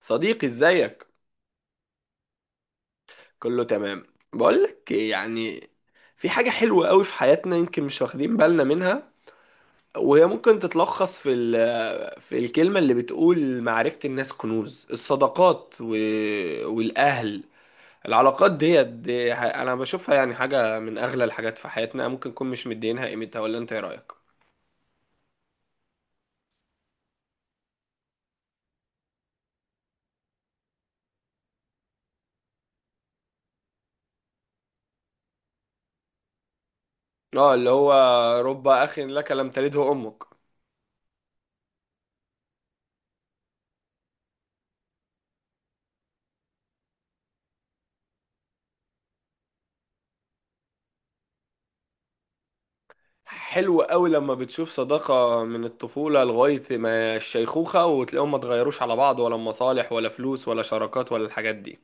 صديقي ازيك، كله تمام. بقولك إيه، يعني في حاجة حلوة قوي في حياتنا يمكن مش واخدين بالنا منها، وهي ممكن تتلخص في الكلمة اللي بتقول معرفة الناس كنوز، الصداقات والأهل، العلاقات ديت دي أنا بشوفها يعني حاجة من أغلى الحاجات في حياتنا، ممكن نكون مش مدينها قيمتها، ولا أنت إيه رأيك؟ اه، اللي هو رب أخ لك لم تلده أمك. حلو قوي لما بتشوف صداقة من الطفولة لغاية ما الشيخوخة وتلاقيهم ما اتغيروش على بعض، ولا مصالح ولا فلوس ولا شراكات ولا الحاجات دي.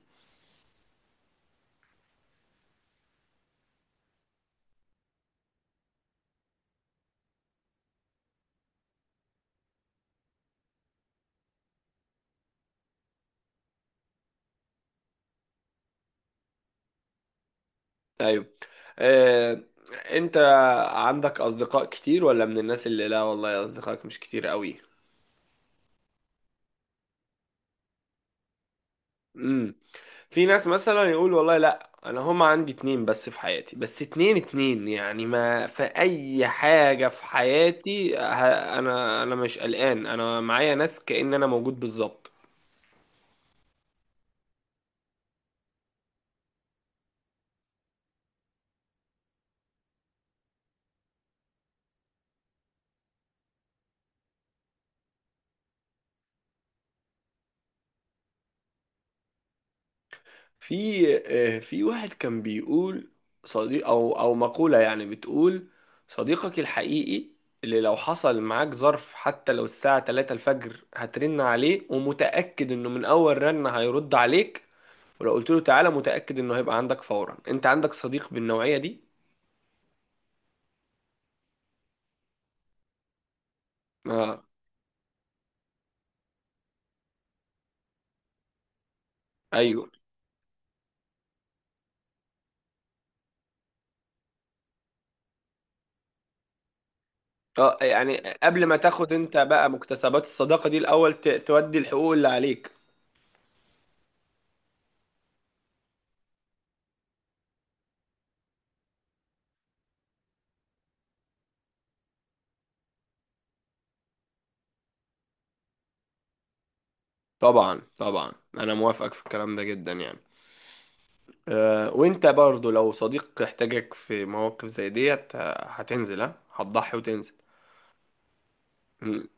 ايوه. آه، انت عندك اصدقاء كتير، ولا من الناس اللي لا والله اصدقائك مش كتير قوي؟ امم. في ناس مثلا يقول والله لا، انا هما عندي اتنين بس في حياتي، بس اتنين اتنين، يعني ما في اي حاجة في حياتي. انا مش قلقان، انا معايا ناس كأن انا موجود بالظبط. في، في واحد كان بيقول صديق، او مقولة يعني بتقول صديقك الحقيقي اللي لو حصل معاك ظرف، حتى لو الساعة 3 الفجر هترن عليه ومتأكد انه من اول رن هيرد عليك، ولو قلت له تعالى متأكد انه هيبقى عندك فورا. انت عندك صديق بالنوعية دي؟ اه. ايوه. اه يعني قبل ما تاخد انت بقى مكتسبات الصداقة دي، الاول تودي الحقوق اللي عليك. طبعا طبعا، انا موافقك في الكلام ده جدا يعني. وانت برضو لو صديق احتاجك في مواقف زي ديت، هتنزل، هتضحي وتنزل. مم.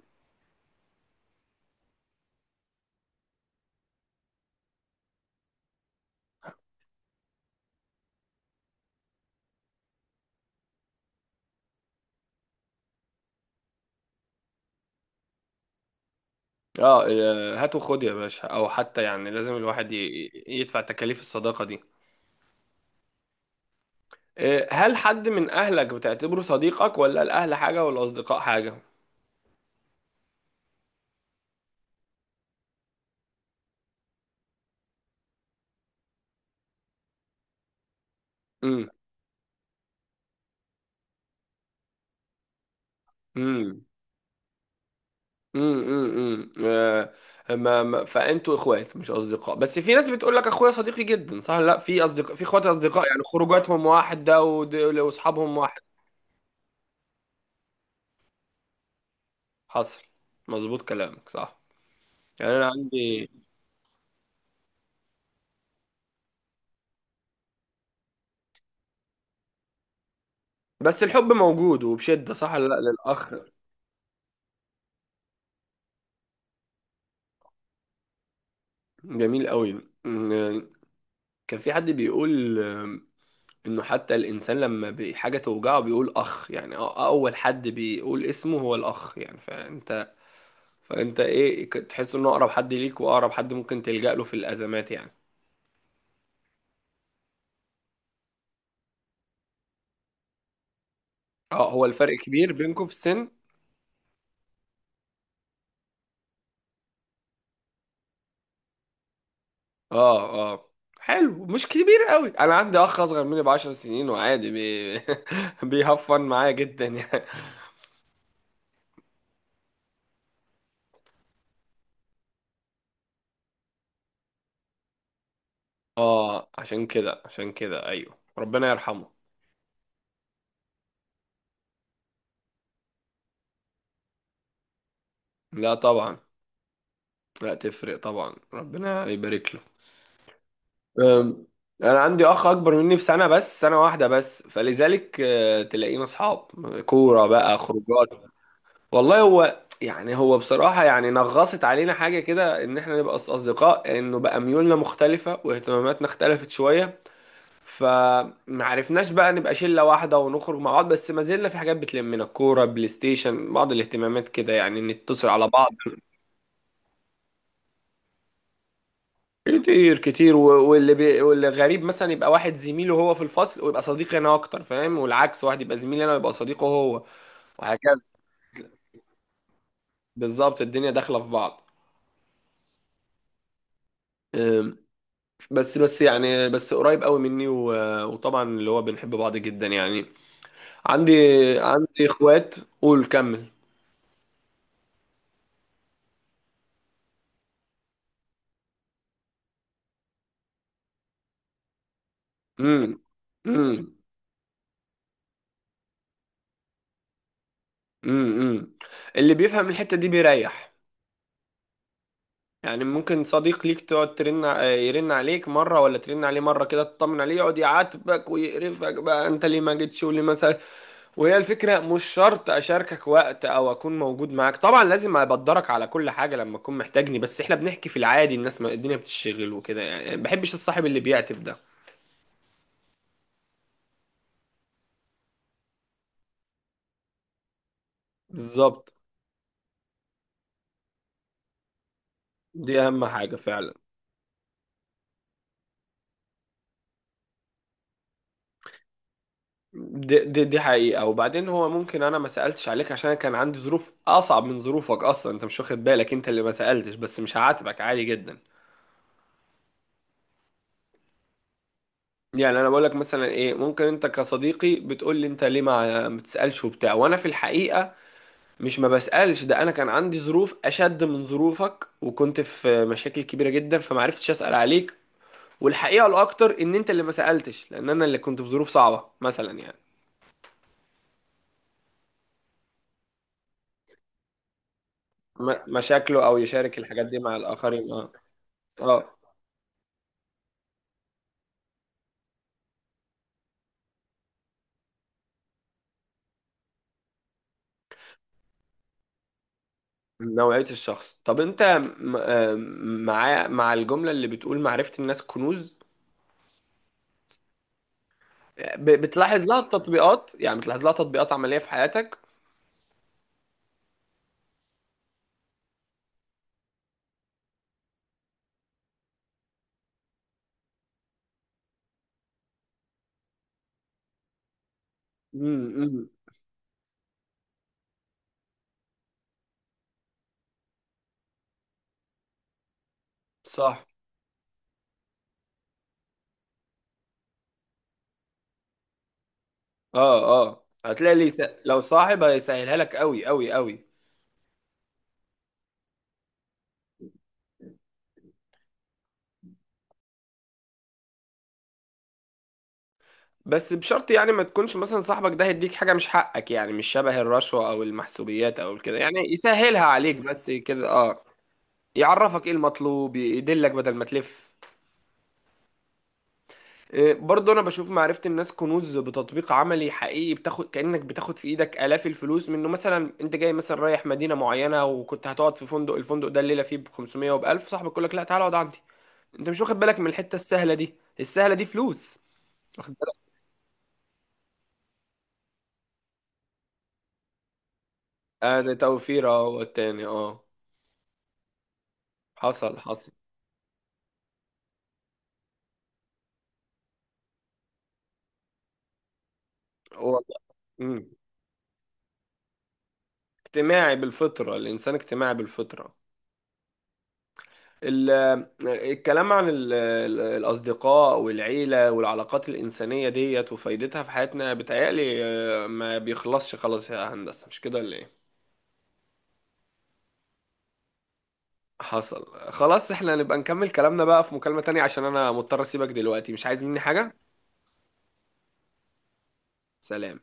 اه، آه، هات وخد يا باشا، او حتى يعني لازم الواحد يدفع تكاليف الصداقة دي. هل حد من اهلك بتعتبره صديقك، ولا الاهل حاجة والاصدقاء حاجة؟ امم امم امم امم. فانتوا اخوات مش اصدقاء، بس في ناس بتقول لك اخويا صديقي جدا. صح، لا، في اصدقاء، في اخوات اصدقاء، يعني خروجاتهم واحده واصحابهم واحد. حصل. مظبوط كلامك، صح، يعني انا عندي. بس الحب موجود وبشدة، صح ولا لا، للاخ؟ جميل قوي. إن- كان في حد بيقول انه حتى الانسان لما حاجة توجعه بيقول اخ، يعني اول حد بيقول اسمه هو الاخ، يعني فانت ايه، تحس انه اقرب حد ليك واقرب حد ممكن تلجأ له في الازمات يعني. اه، هو الفرق كبير بينكم في السن؟ اه اه. حلو، مش كبير قوي. انا عندي اخ اصغر مني ب 10 سنين، وعادي بي... بيهفن معايا جدا يعني. اه عشان كده، عشان كده، ايوه، ربنا يرحمه. لا طبعا. لا تفرق طبعا، ربنا يبارك له. أم، انا عندي اخ اكبر مني بسنه، بس سنه واحده بس، فلذلك تلاقينا اصحاب، كوره بقى، خروجات. والله هو يعني هو بصراحه يعني نغصت علينا حاجه كده ان احنا نبقى اصدقاء، انه بقى ميولنا مختلفه واهتماماتنا اختلفت شويه، فمعرفناش بقى نبقى شلة واحدة ونخرج مع بعض. بس ما زلنا في حاجات بتلمنا، كورة، بلاي ستيشن، بعض الاهتمامات كده، يعني نتصل على بعض. كتير كتير. واللي غريب مثلا يبقى واحد زميله هو في الفصل، ويبقى صديقي انا اكتر، فاهم؟ والعكس، واحد يبقى زميلي انا ويبقى صديقه هو، وهكذا. بالظبط، الدنيا داخلة في بعض. أم، بس بس يعني، بس قريب قوي مني، وطبعا اللي هو بنحب بعض جدا يعني. عندي، عندي اخوات. قول، كمل. امم. امم. امم. اللي بيفهم الحتة دي بيريح. يعني ممكن صديق ليك تقعد يرن عليك مرة، ولا ترن عليه مرة كده تطمن عليه، يقعد يعاتبك ويقرفك بقى، انت ليه ما جيتش، وليه مثلا. وهي الفكرة مش شرط اشاركك وقت او اكون موجود معاك، طبعا لازم ابدرك على كل حاجة لما تكون محتاجني، بس احنا بنحكي في العادي، الناس ما الدنيا بتشتغل وكده، يعني ما بحبش الصاحب اللي بيعتب ده. بالظبط. دي اهم حاجة فعلا. دي حقيقة. وبعدين هو ممكن أنا ما سألتش عليك عشان كان عندي ظروف أصعب من ظروفك أصلا، أنت مش واخد بالك، أنت اللي ما سألتش، بس مش هعاتبك عادي جدا. يعني أنا بقول لك مثلا إيه، ممكن أنت كصديقي بتقول لي أنت ليه ما بتسألش وبتاع، وأنا في الحقيقة مش ما بسألش، ده أنا كان عندي ظروف أشد من ظروفك وكنت في مشاكل كبيرة جدا، فما عرفتش أسأل عليك. والحقيقة الأكتر إن أنت اللي ما سألتش، لأن أنا اللي كنت في ظروف صعبة مثلا يعني. مشاكله أو يشارك الحاجات دي مع الآخرين. أه. أه، نوعية الشخص. طب انت، م- آه، مع مع الجملة اللي بتقول معرفة الناس كنوز، بتلاحظ لها التطبيقات، يعني بتلاحظ لها تطبيقات عملية في حياتك؟ امم. صح. اه اه، هتلاقي لي س... لو صاحب هيسهلها لك قوي قوي قوي. بس بشرط يعني ما تكونش مثلا صاحبك ده هيديك حاجة مش حقك، يعني مش شبه الرشوة او المحسوبيات او كده، يعني يسهلها عليك بس كده، اه. يعرفك ايه المطلوب، يدلك بدل ما تلف. إيه، برضه انا بشوف معرفة الناس كنوز بتطبيق عملي حقيقي، بتاخد كأنك بتاخد في ايدك آلاف الفلوس منه. مثلا انت جاي مثلا رايح مدينة معينة، وكنت هتقعد في فندق، الفندق ده الليلة فيه ب 500 وب 1000، صاحبك يقول لك لا تعالى اقعد عندي، انت مش واخد بالك من الحتة السهلة دي، السهلة دي فلوس. واخد بالك؟ ده توفير، اه، والتاني اه. حصل حصل. والله. امم. اجتماعي بالفطرة، الانسان اجتماعي بالفطرة. ال- الكلام عن الأصدقاء والعيلة والعلاقات الإنسانية ديت وفايدتها في حياتنا بتهيألي ما بيخلصش خلاص يا هندسة، مش كده ولا إيه؟ حصل خلاص، احنا نبقى نكمل كلامنا بقى في مكالمة تانية عشان أنا مضطر أسيبك دلوقتي. مش عايز مني حاجة؟ سلام.